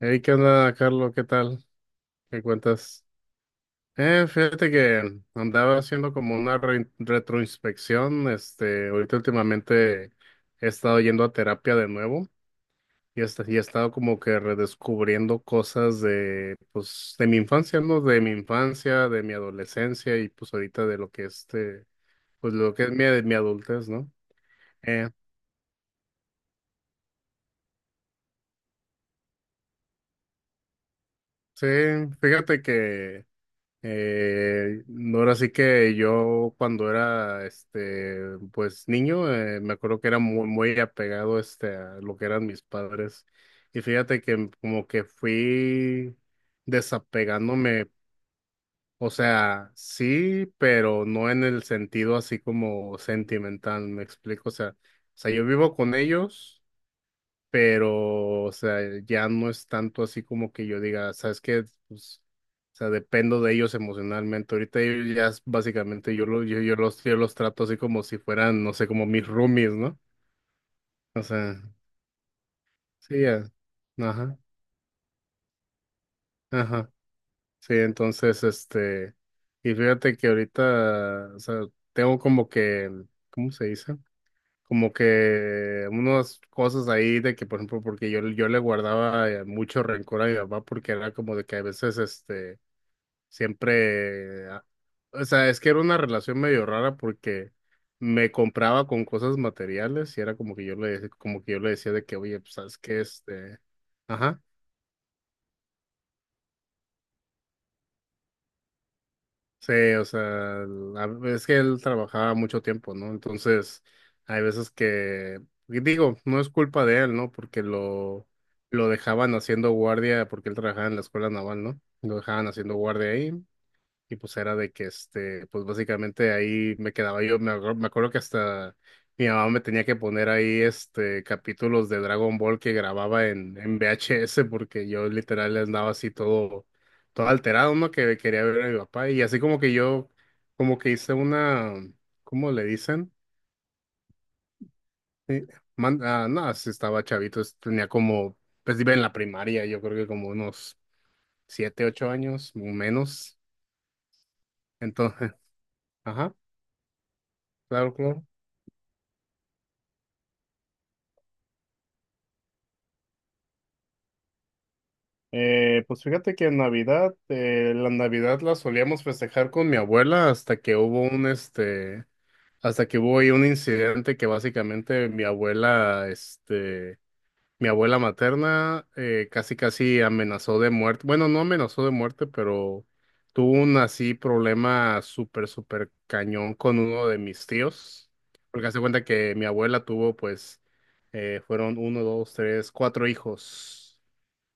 Hey, ¿qué onda, Carlos? ¿Qué tal? ¿Qué cuentas? Fíjate que andaba haciendo como retroinspección. Ahorita últimamente he estado yendo a terapia de nuevo y he estado como que redescubriendo cosas de, pues, de mi infancia, ¿no? De mi infancia, de mi adolescencia y pues ahorita de lo que pues lo que es mi adultez, ¿no? Eh, sí, fíjate que no, ahora sí que yo cuando era pues niño, me acuerdo que era muy muy apegado a lo que eran mis padres. Y fíjate que como que fui desapegándome. O sea, sí, pero no en el sentido así como sentimental, me explico, o sea yo vivo con ellos, pero, o sea, ya no es tanto así como que yo diga, ¿sabes qué? Pues, o sea, dependo de ellos emocionalmente. Ahorita ellos ya es básicamente yo, lo, yo, yo los trato así como si fueran, no sé, como mis roomies, ¿no? O sea, sí, ya. Ajá, ajá. Sí, entonces, y fíjate que ahorita, o sea, tengo como que, ¿cómo se dice? Como que unas cosas ahí de que, por ejemplo, porque yo le guardaba, mucho rencor a mi papá, porque era como de que a veces, siempre, ah, o sea, es que era una relación medio rara, porque me compraba con cosas materiales y era como que como que yo le decía de que, oye, pues, ¿sabes qué? Ajá. Sí, o sea, es que él trabajaba mucho tiempo, ¿no? Entonces, hay veces que, y digo, no es culpa de él, ¿no? Porque lo dejaban haciendo guardia, porque él trabajaba en la escuela naval, ¿no? Lo dejaban haciendo guardia ahí. Y pues era de que, pues básicamente ahí me quedaba yo, me acuerdo que hasta mi mamá me tenía que poner ahí, capítulos de Dragon Ball que grababa en VHS, porque yo literal andaba así todo, todo alterado, ¿no? Que quería ver a mi papá y así como que como que hice una, ¿cómo le dicen? Eh, no, sí estaba chavito, tenía como, pues iba en la primaria, yo creo que como unos 7, 8 años, o menos, entonces, ajá, claro, claro. Pues fíjate que en Navidad, la Navidad la solíamos festejar con mi abuela, hasta que hubo ahí un incidente que básicamente mi abuela materna, casi casi amenazó de muerte. Bueno, no amenazó de muerte, pero tuvo un así problema súper, súper cañón con uno de mis tíos. Porque hace cuenta que mi abuela tuvo, pues, fueron uno, dos, tres, cuatro hijos.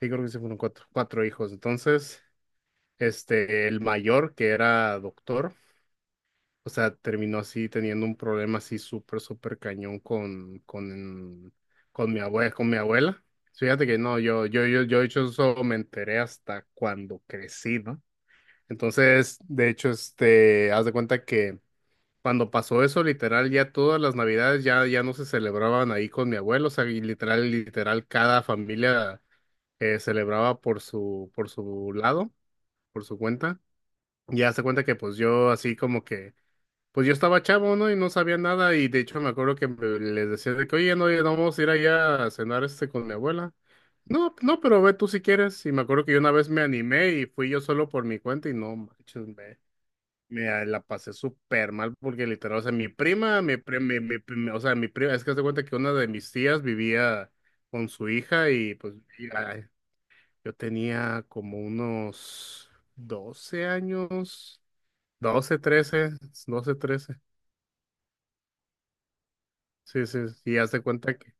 Sí, creo que se fueron cuatro hijos. Entonces, el mayor, que era doctor, o sea, terminó así teniendo un problema así súper, súper cañón con mi abuela. Fíjate que no, yo de hecho eso me enteré hasta cuando crecí, ¿no? Entonces, de hecho, haz de cuenta que cuando pasó eso, literal, ya todas las navidades ya no se celebraban ahí con mi abuelo, o sea, y cada familia, celebraba por su lado, por su cuenta. Y hace cuenta que pues yo así como que, pues yo estaba chavo, ¿no? Y no sabía nada. Y de hecho me acuerdo que les decía de que, oye, no, ya no vamos a ir allá a cenar con mi abuela. No, no, pero ve tú si quieres. Y me acuerdo que yo una vez me animé y fui yo solo por mi cuenta y no manches, me la pasé súper mal porque literal, o sea, mi prima, mi, pri- mi pri- o sea, mi prima, es que haz de cuenta que una de mis tías vivía con su hija, y pues yo tenía como unos 12 años, 12 trece, 12 trece. Sí, sí, sí, y haz de cuenta que,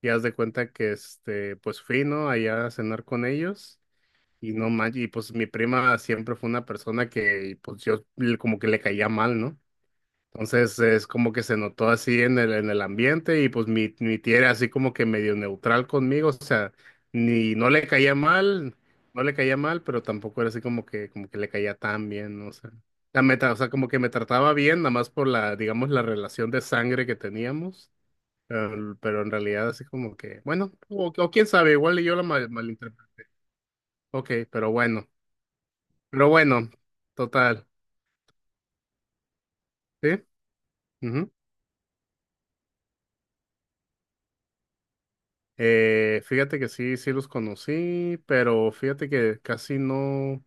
pues fui, ¿no? Allá a cenar con ellos y no manches, y pues mi prima siempre fue una persona que pues como que le caía mal, ¿no? Entonces, es como que se notó así en en el ambiente, y pues mi tía era así como que medio neutral conmigo, o sea, ni no le caía mal, no le caía mal, pero tampoco era así como que le caía tan bien, ¿no? O sea, la meta, o sea, como que me trataba bien, nada más por digamos, la relación de sangre que teníamos, pero, en realidad así como que, bueno, o quién sabe, igual y malinterpreté. Ok, pero bueno, pero bueno, total, ¿sí? Ujú. Fíjate que sí, sí los conocí, pero fíjate que casi no.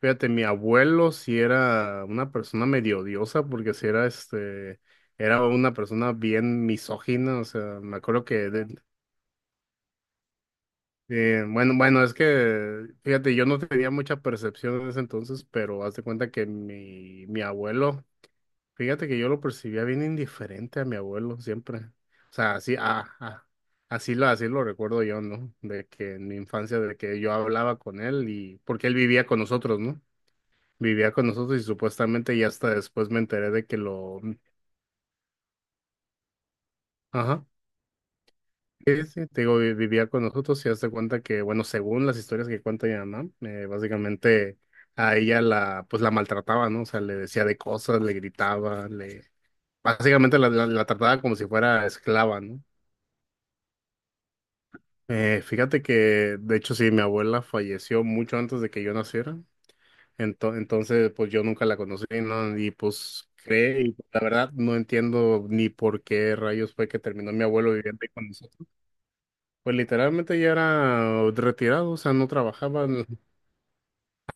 Fíjate, mi abuelo sí era una persona medio odiosa, porque sí era era una persona bien misógina. O sea, me acuerdo que bueno, bueno, es que fíjate, yo no tenía mucha percepción en ese entonces, pero haz de cuenta que mi abuelo. Fíjate que yo lo percibía bien indiferente a mi abuelo siempre. O sea, así, ah, ah, así lo recuerdo yo, ¿no? De que en mi infancia, de que yo hablaba con él y porque él vivía con nosotros, ¿no? Vivía con nosotros y supuestamente ya hasta después me enteré de que ajá, sí, sí, te digo, vivía con nosotros. Y hazte cuenta que, bueno, según las historias que cuenta mi mamá, básicamente pues la maltrataba, ¿no? O sea, le decía de cosas, le gritaba, básicamente la trataba como si fuera esclava, ¿no? Fíjate que, de hecho, sí, mi abuela falleció mucho antes de que yo naciera. Entonces, pues yo nunca la conocí, ¿no? Y y la verdad no entiendo ni por qué rayos fue que terminó mi abuelo viviendo ahí con nosotros. Pues literalmente ya era retirado, o sea, no trabajaba.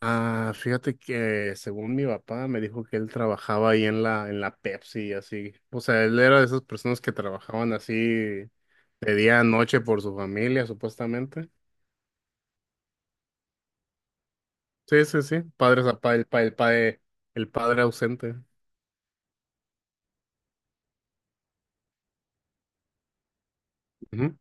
Fíjate que según mi papá me dijo que él trabajaba ahí en en la Pepsi, así. O sea, él era de esas personas que trabajaban así de día a noche por su familia, supuestamente. Sí, sí, sí. Padre, sa- pa- el, pa- el, pa- El padre ausente. Ujú.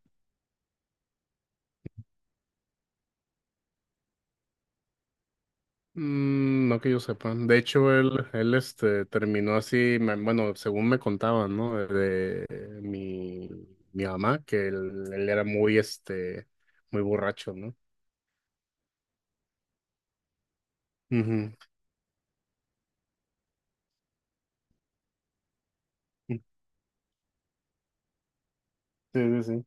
Mm, no que yo sepa. De hecho, terminó así, bueno, según me contaban, ¿no? De mi mamá, que él era muy borracho, ¿no? Ujú. Sí, sí, sí.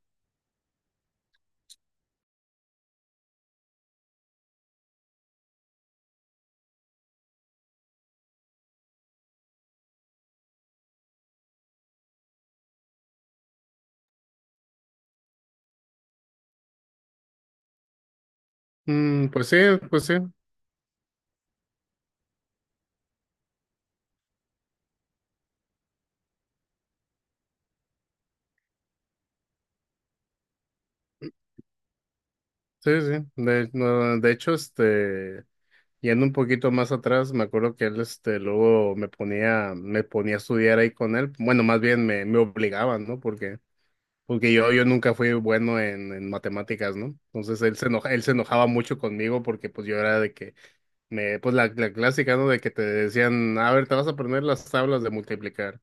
Mm, pues sí, pues sí. Sí, sí. De, no, de hecho, este. yendo un poquito más atrás, me acuerdo que él, luego me ponía a estudiar ahí con él. Bueno, más bien me obligaban, ¿no? Porque, yo nunca fui bueno en, matemáticas, ¿no? Entonces él se enojaba mucho conmigo porque pues yo era de que pues la clásica, ¿no? De que te decían, a ver, te vas a aprender las tablas de multiplicar.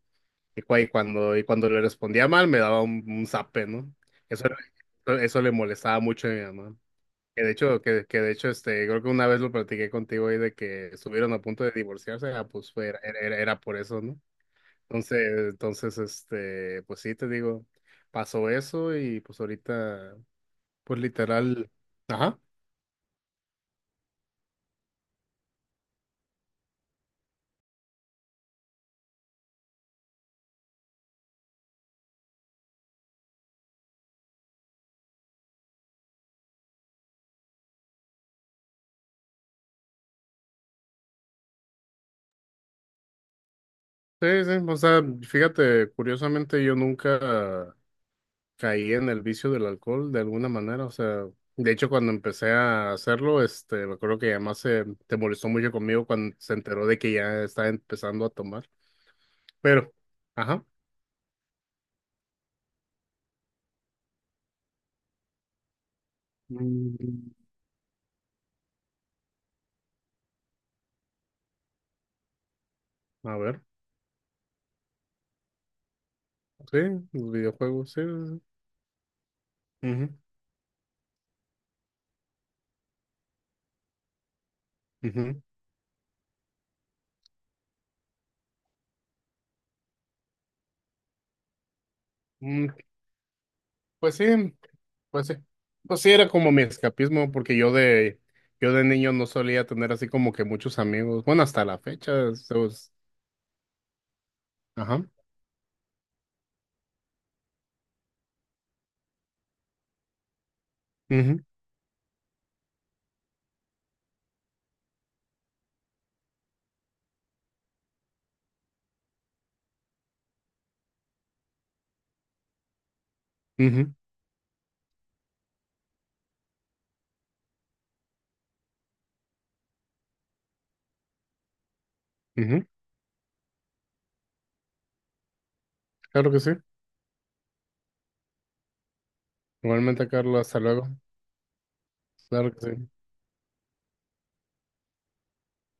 Y cuando le respondía mal, me daba un zape, ¿no? Eso, eso le molestaba mucho a mi mamá. Que de hecho, creo que una vez lo platiqué contigo ahí de que estuvieron a punto de divorciarse, era por eso, ¿no? Entonces, pues sí, te digo, pasó eso y pues ahorita, pues literal, ajá, sí, sí, o sea, fíjate, curiosamente yo nunca caí en el vicio del alcohol de alguna manera, o sea, de hecho cuando empecé a hacerlo, me acuerdo que además te molestó mucho conmigo cuando se enteró de que ya estaba empezando a tomar, pero. Ajá. Mm, A ver, sí, los videojuegos, sí. Sí, sí. Ujú, ujú. Mm, Pues sí, pues sí. Pues sí, era como mi escapismo, porque yo de niño no solía tener así como que muchos amigos. Bueno, hasta la fecha, ajá. Ujú, ujú, ujú. Claro que sí. Igualmente, Carlos, hasta luego. Claro que sí.